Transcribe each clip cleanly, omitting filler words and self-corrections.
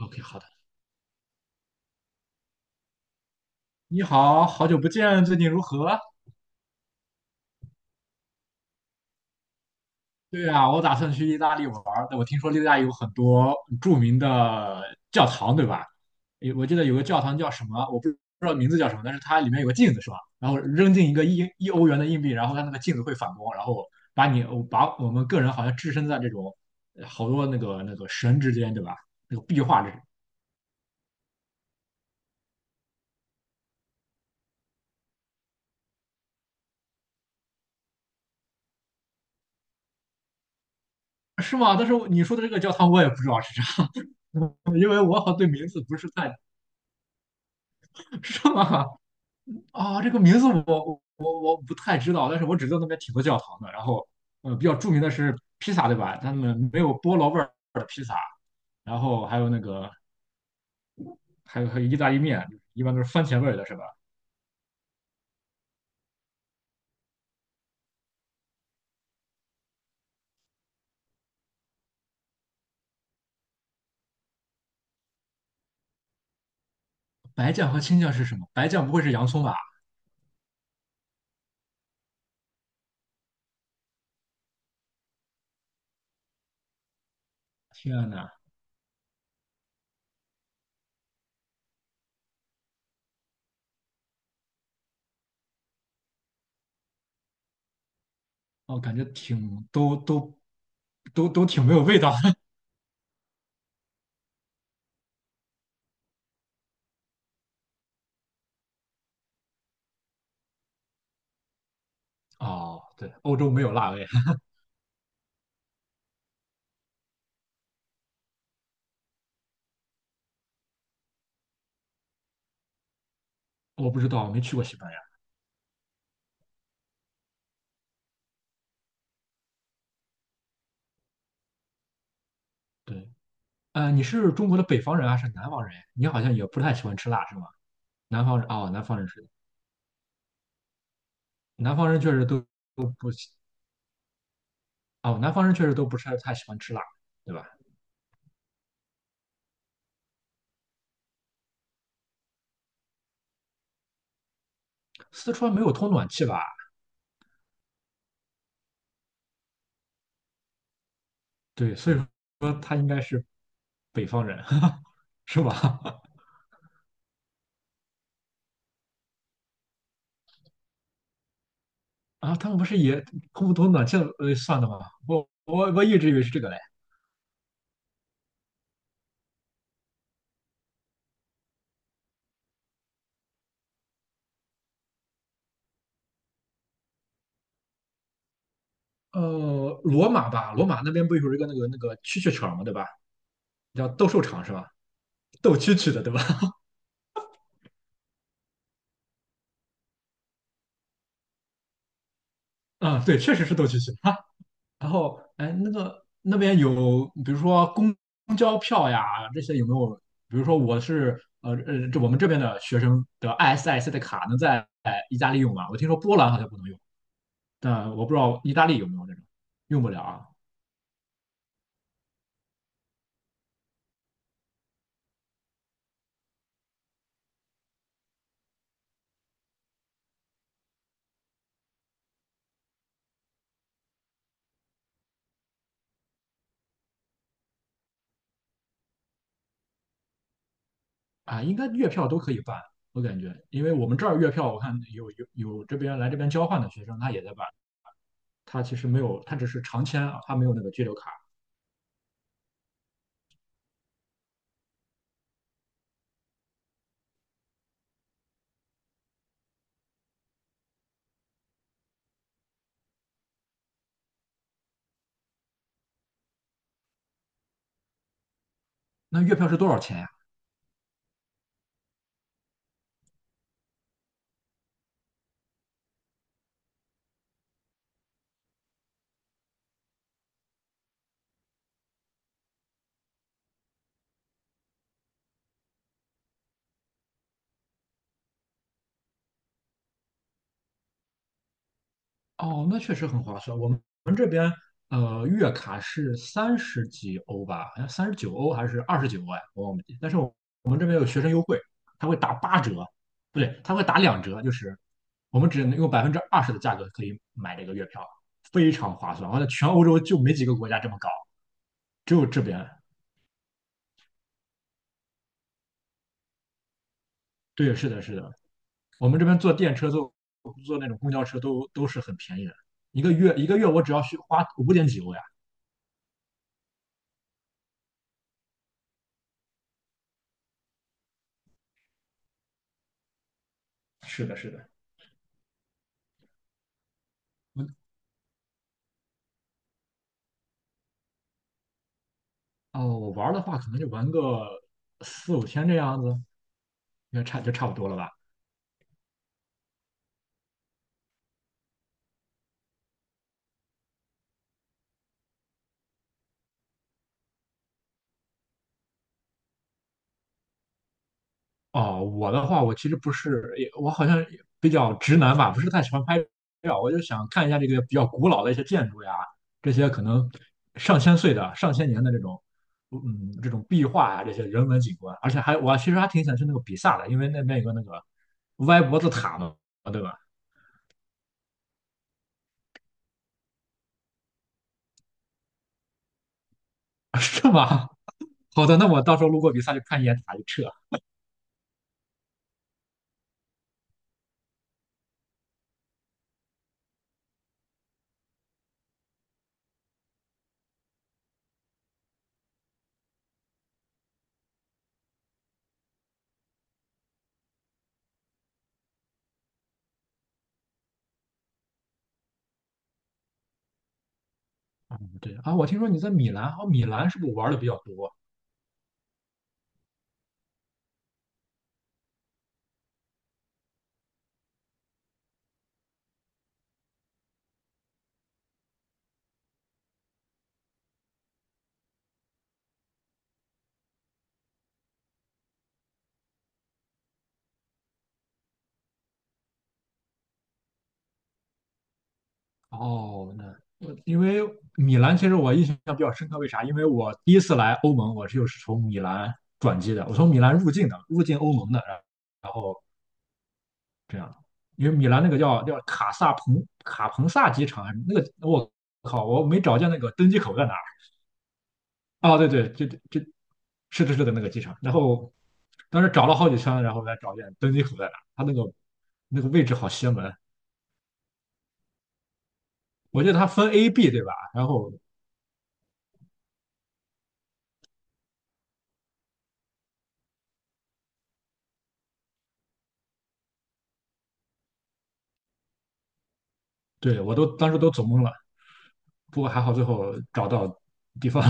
OK，好的。你好，好久不见，最近如何？对啊，我打算去意大利玩儿，但我听说意大利有很多著名的教堂，对吧？我记得有个教堂叫什么，我不知道名字叫什么，但是它里面有个镜子，是吧？然后扔进一个一欧元的硬币，然后它那个镜子会反光，然后把我们个人好像置身在这种好多那个神之间，对吧？那个壁画之是吗？但是你说的这个教堂我也不知道是啥，因为我好像对名字不是太 是吗？啊，这个名字我不太知道，但是我只知道那边挺多教堂的。然后，比较著名的是披萨，对吧？他们没有菠萝味儿的披萨，然后还有那个，还有意大利面，一般都是番茄味儿的，是吧？白酱和青酱是什么？白酱不会是洋葱吧？天呐，哦，感觉挺都挺没有味道的。哦，对，欧洲没有辣味，我不知道，我没去过西班牙。对，你是中国的北方人还是南方人？你好像也不太喜欢吃辣，是吗？南方人哦，南方人是。南方人确实都不喜哦，南方人确实都不是太喜欢吃辣，对吧？四川没有通暖气吧？对，所以说北方人 是吧？啊，他们不是也通不通暖气算的吗？我一直以为是这个嘞。罗马吧，罗马那边不有一个那个蛐蛐场嘛，对吧？叫斗兽场是吧？斗蛐蛐的对吧？啊、对，确实是斗蛐蛐。然后，哎，那个那边有，比如说公交票呀，这些有没有？比如说我是这我们这边的学生的 ISIC 的卡能在意大利用吗？我听说波兰好像不能用，但我不知道意大利有没有这种，用不了啊啊，应该月票都可以办，我感觉，因为我们这儿月票我看有这边来这边交换的学生他也在办，他其实没有，他只是长签啊，他没有那个居留卡。那月票是多少钱呀？哦，那确实很划算。我们月卡是三十几欧吧，好像39欧还是29欧呀，我忘记。但是我有学生优惠，他会打八折，不对，他会打两折，就是我们只能用20%的价格可以买这个月票，非常划算。我在全欧洲就没几个国家这么搞，只有这边。对，是的，是的，我们这边坐电车、坐那种公交车都是很便宜的，一个月一个月我只要去花五点几欧呀。是的，是的，我哦，我玩的话可能就玩个四五天这样子。应该差不多了吧？哦，我的话，我其实不是，也我好像也比较直男吧，不是太喜欢拍照，我就想看一下这个比较古老的一些建筑呀，这些可能上千岁的、上千年的这种，嗯，这种壁画呀，这些人文景观，而且还我其实还挺想去那个比萨的，因为那边有个那个歪脖子塔嘛，对吧？是吗？好的，那我到时候路过比萨就看一眼塔就撤。嗯，对啊，我听说你在米兰，哦，米兰是不是玩的比较多？哦，那我因为米兰其实我印象比较深刻，为啥？因为我第一次来欧盟，我就是从米兰转机的，我从米兰入境的，入境欧盟的，然后这样，因为米兰那个叫卡萨彭卡彭萨机场，那个我靠，我没找见那个登机口在哪儿。哦，对对，这是的是的那个机场，然后当时找了好几圈，然后才找见登机口在哪儿，它那个位置好邪门，我记得它分 A、B 对吧？然后对我都当时都走懵了。不过还好最后找到地方，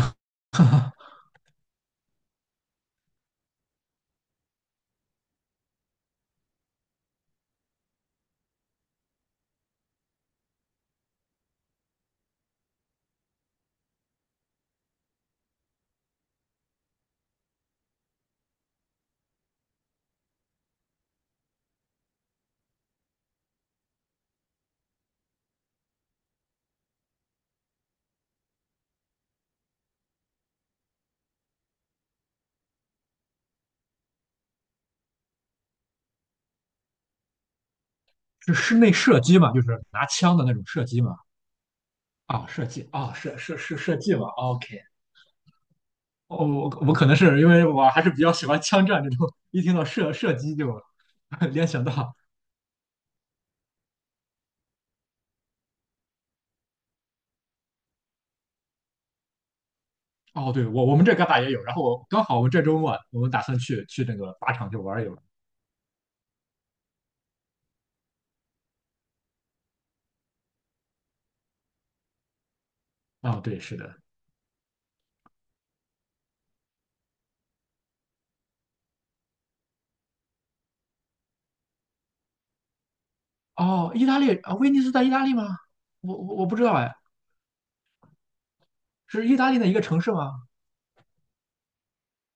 是室内射击嘛，就是拿枪的那种射击嘛。啊，射击啊，射击嘛。OK,哦，我可能是因为我还是比较喜欢枪战这种，一听到射击就 联想到。哦，对，我们这旮瘩也有，然后我刚好我们这周末啊我们打算去那个靶场去玩一玩。啊，对，是的。哦，意大利啊，威尼斯在意大利吗？我不知道哎，是意大利的一个城市吗？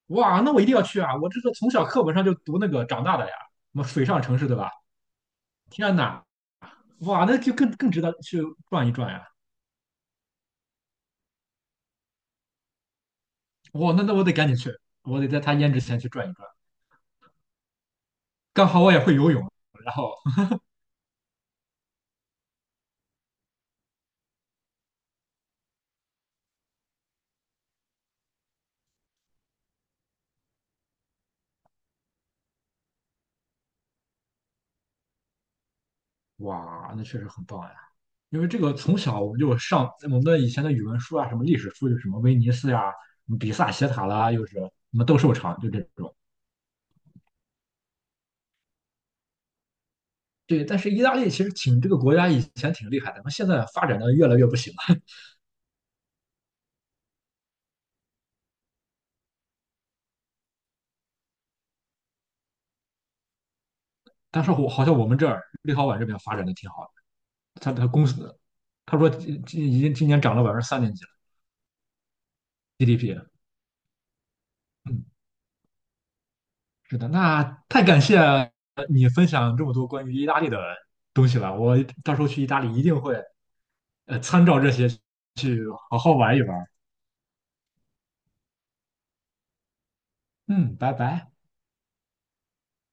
哇，那我一定要去啊！我这个从小课本上就读那个长大的呀，什么水上城市，对吧？天哪，哇，那就更值得去转一转呀！哇，那我得赶紧去，我得在他淹之前去转一转。刚好我也会游泳，然后哇，那确实很棒呀！因为这个从小我们就上我们的以前的语文书啊，什么历史书，就什么威尼斯呀、什么比萨斜塔啦，又是什么斗兽场，就这种。对，但是意大利其实挺这个国家以前挺厉害的，那现在发展的越来越不行了。但是我好像我们这儿立陶宛这边发展的挺好的，他公司他说今已经今年涨了百分之三点几了 GDP,嗯，是的，那太感谢你分享这么多关于意大利的东西了，我到时候去意大利一定会参照这些好好玩一玩，嗯，拜拜。